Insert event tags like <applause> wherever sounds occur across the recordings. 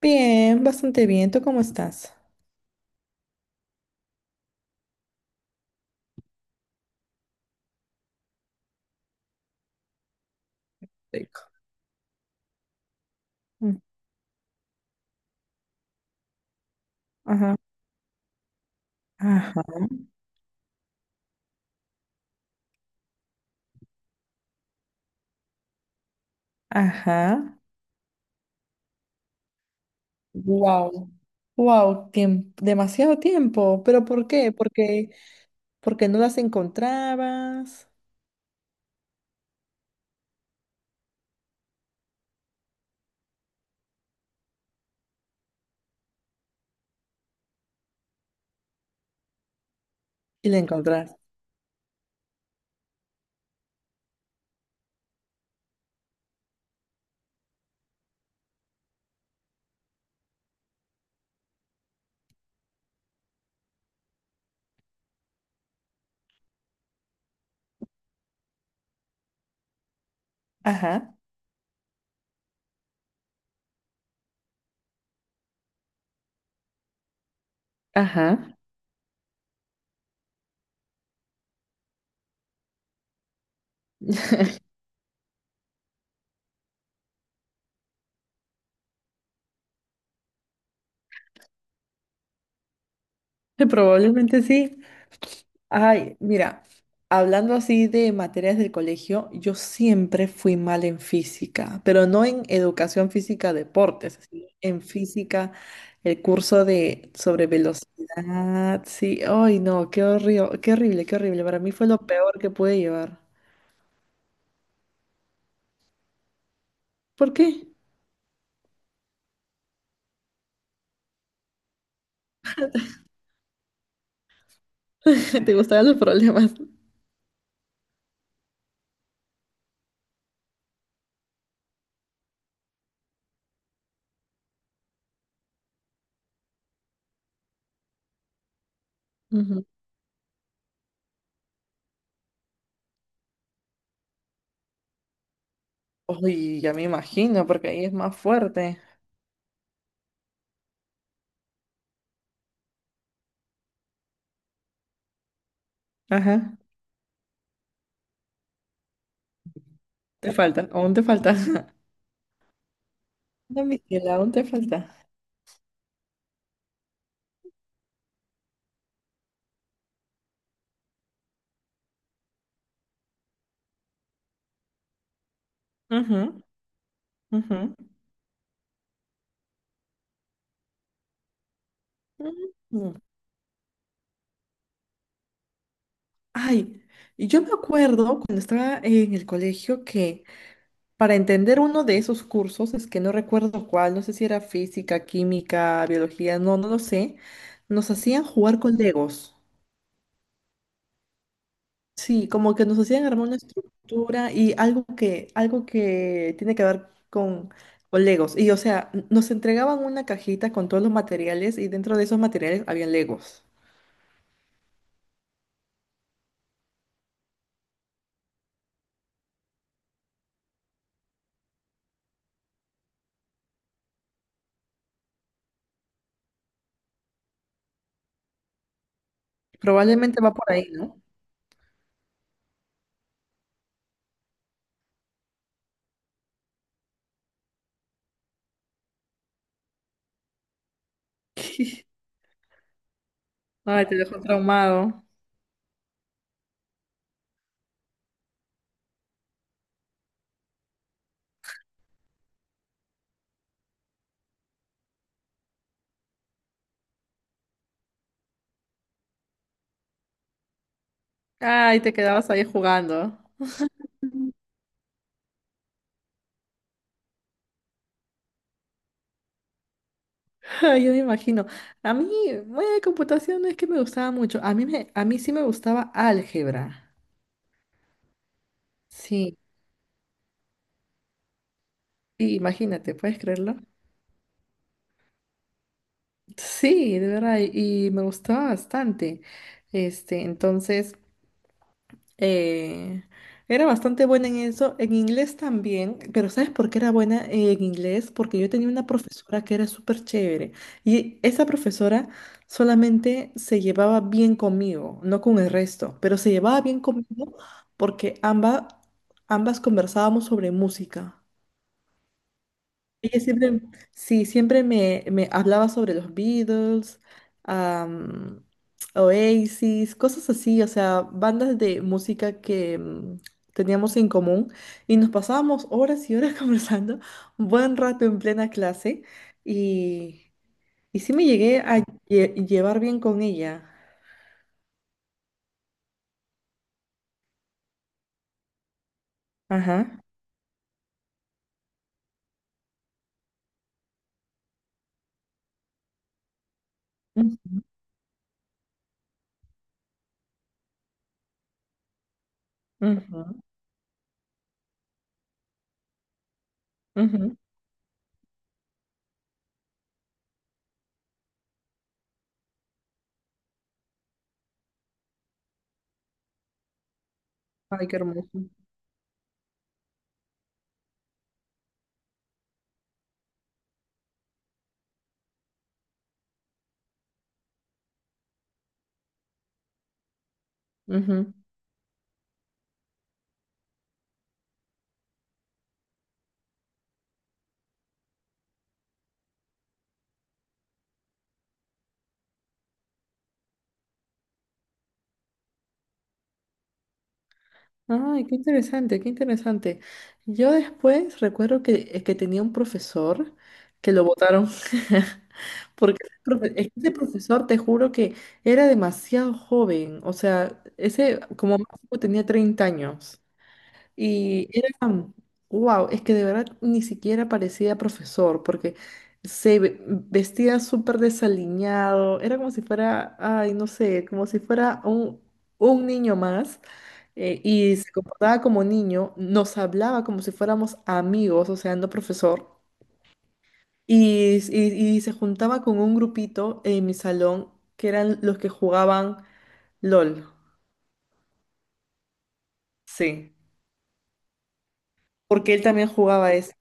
Bien, bastante bien. ¿Tú cómo estás? Rico. Mm. Ajá, ajá, ajá. Wow, wow, demasiado tiempo. ¿Pero por qué? Porque no las encontrabas y la encontraste. Ajá, ajá. Probablemente sí. Ay, mira, hablando así de materias del colegio, yo siempre fui mal en física, pero no en educación física deportes, sino en física, el curso de sobre velocidad, sí, ay no, qué horrible, qué horrible, qué horrible, para mí fue lo peor que pude llevar. ¿Por qué? <laughs> ¿Te gustaban los problemas? Ujú. Ay, ya me imagino, porque ahí es más fuerte. Ajá, te falta, aún te falta. <laughs> No, Miquela, aún te falta. Ujú, ujú. Mm. Ay, y yo me acuerdo cuando estaba en el colegio que para entender uno de esos cursos, es que no recuerdo cuál, no sé si era física, química, biología, no, no lo sé, nos hacían jugar con Legos. Sí, como que nos hacían armar una estructura y algo que tiene que ver con Legos. Y o sea, nos entregaban una cajita con todos los materiales y dentro de esos materiales había Legos. Probablemente va por ahí, ¿no? <laughs> Ay, te dejo traumado. Ay, te quedabas ahí jugando. <laughs> Yo me imagino. A mí, bueno, de computación no es que me gustaba mucho. A mí sí me gustaba álgebra. Sí, sí, imagínate, ¿puedes creerlo? Sí, de verdad, y me gustaba bastante. Este, entonces. Eh, era bastante buena en eso, en inglés también, pero ¿sabes por qué era buena en inglés? Porque yo tenía una profesora que era súper chévere y esa profesora solamente se llevaba bien conmigo, no con el resto, pero se llevaba bien conmigo porque ambas conversábamos sobre música. Ella siempre, sí, siempre me hablaba sobre los Beatles, am, Oasis, cosas así, o sea, bandas de música que teníamos en común y nos pasábamos horas y horas <laughs> conversando, un buen rato en plena clase y, y sí me llegué a llevar bien con ella. Ajá. Ujú, ujú, ujú. Ay, qué hermoso. Ujú. Ay, qué interesante, qué interesante. Yo después recuerdo que, que tenía un profesor que lo votaron. <laughs> Porque es que ese profesor, te juro que era demasiado joven. O sea, ese como máximo tenía 30 años. Y era, wow, es que de verdad ni siquiera parecía profesor, porque vestía súper desaliñado, era como si fuera, ay, no sé, como si fuera un niño más, y se comportaba como niño, nos hablaba como si fuéramos amigos, o sea, no profesor, y se juntaba con un grupito en mi salón, que eran los que jugaban LOL, sí, porque él también jugaba eso.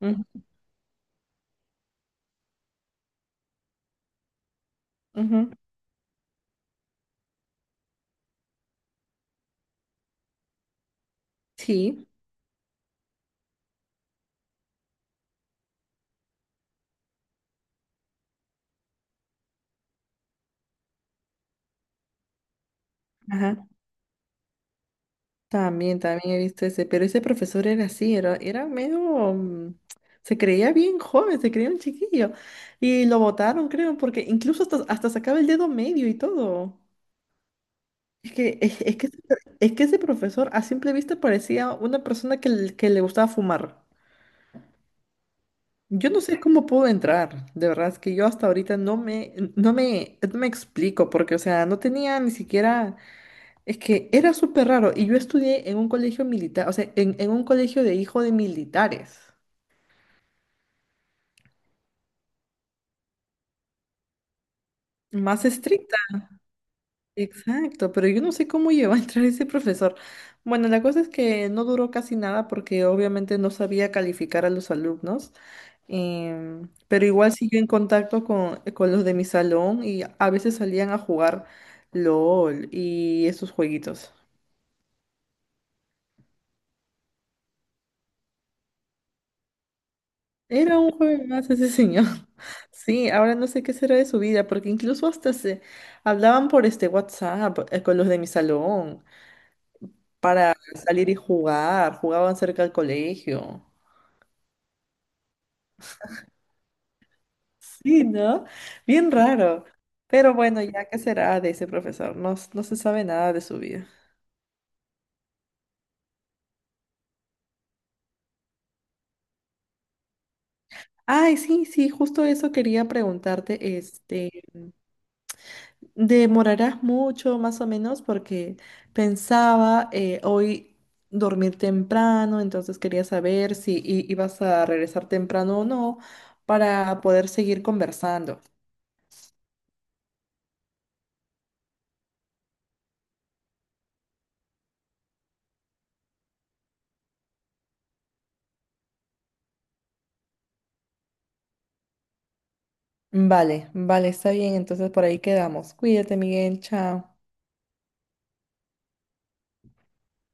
Ujú, ujú. Sí. Ajá. También he visto ese, pero ese profesor era así, era medio, se creía bien joven, se creía un chiquillo. Y lo botaron, creo, porque incluso hasta sacaba el dedo medio y todo. Es que, ese pro- es que ese profesor a simple vista parecía una persona que le gustaba fumar. Yo no sé cómo pudo entrar, de verdad, es que yo hasta ahorita no me explico, porque, o sea, no tenía ni siquiera... Es que era súper raro y yo estudié en un colegio militar, o sea, en un colegio de hijo de militares. Más estricta, exacto, pero yo no sé cómo llegó a entrar ese profesor. Bueno, la cosa es que no duró casi nada porque obviamente no sabía calificar a los alumnos, pero igual siguió en contacto con los de mi salón y a veces salían a jugar LOL y esos jueguitos. Era un joven más ese señor. <laughs> Sí, ahora no sé qué será de su vida, porque incluso hasta se hablaban por este WhatsApp con los de mi salón para salir y jugar, jugaban cerca del colegio. Sí, ¿no? Bien raro. Pero bueno, ya qué será de ese profesor, no, no se sabe nada de su vida. Ay, sí, sí, justo eso quería preguntarte, este, demorarás mucho, más o menos, porque pensaba hoy dormir temprano, entonces quería saber si ibas a regresar temprano o no para poder seguir conversando. Vale, vale, está bien, entonces por ahí quedamos. Cuídate, Miguel, chao.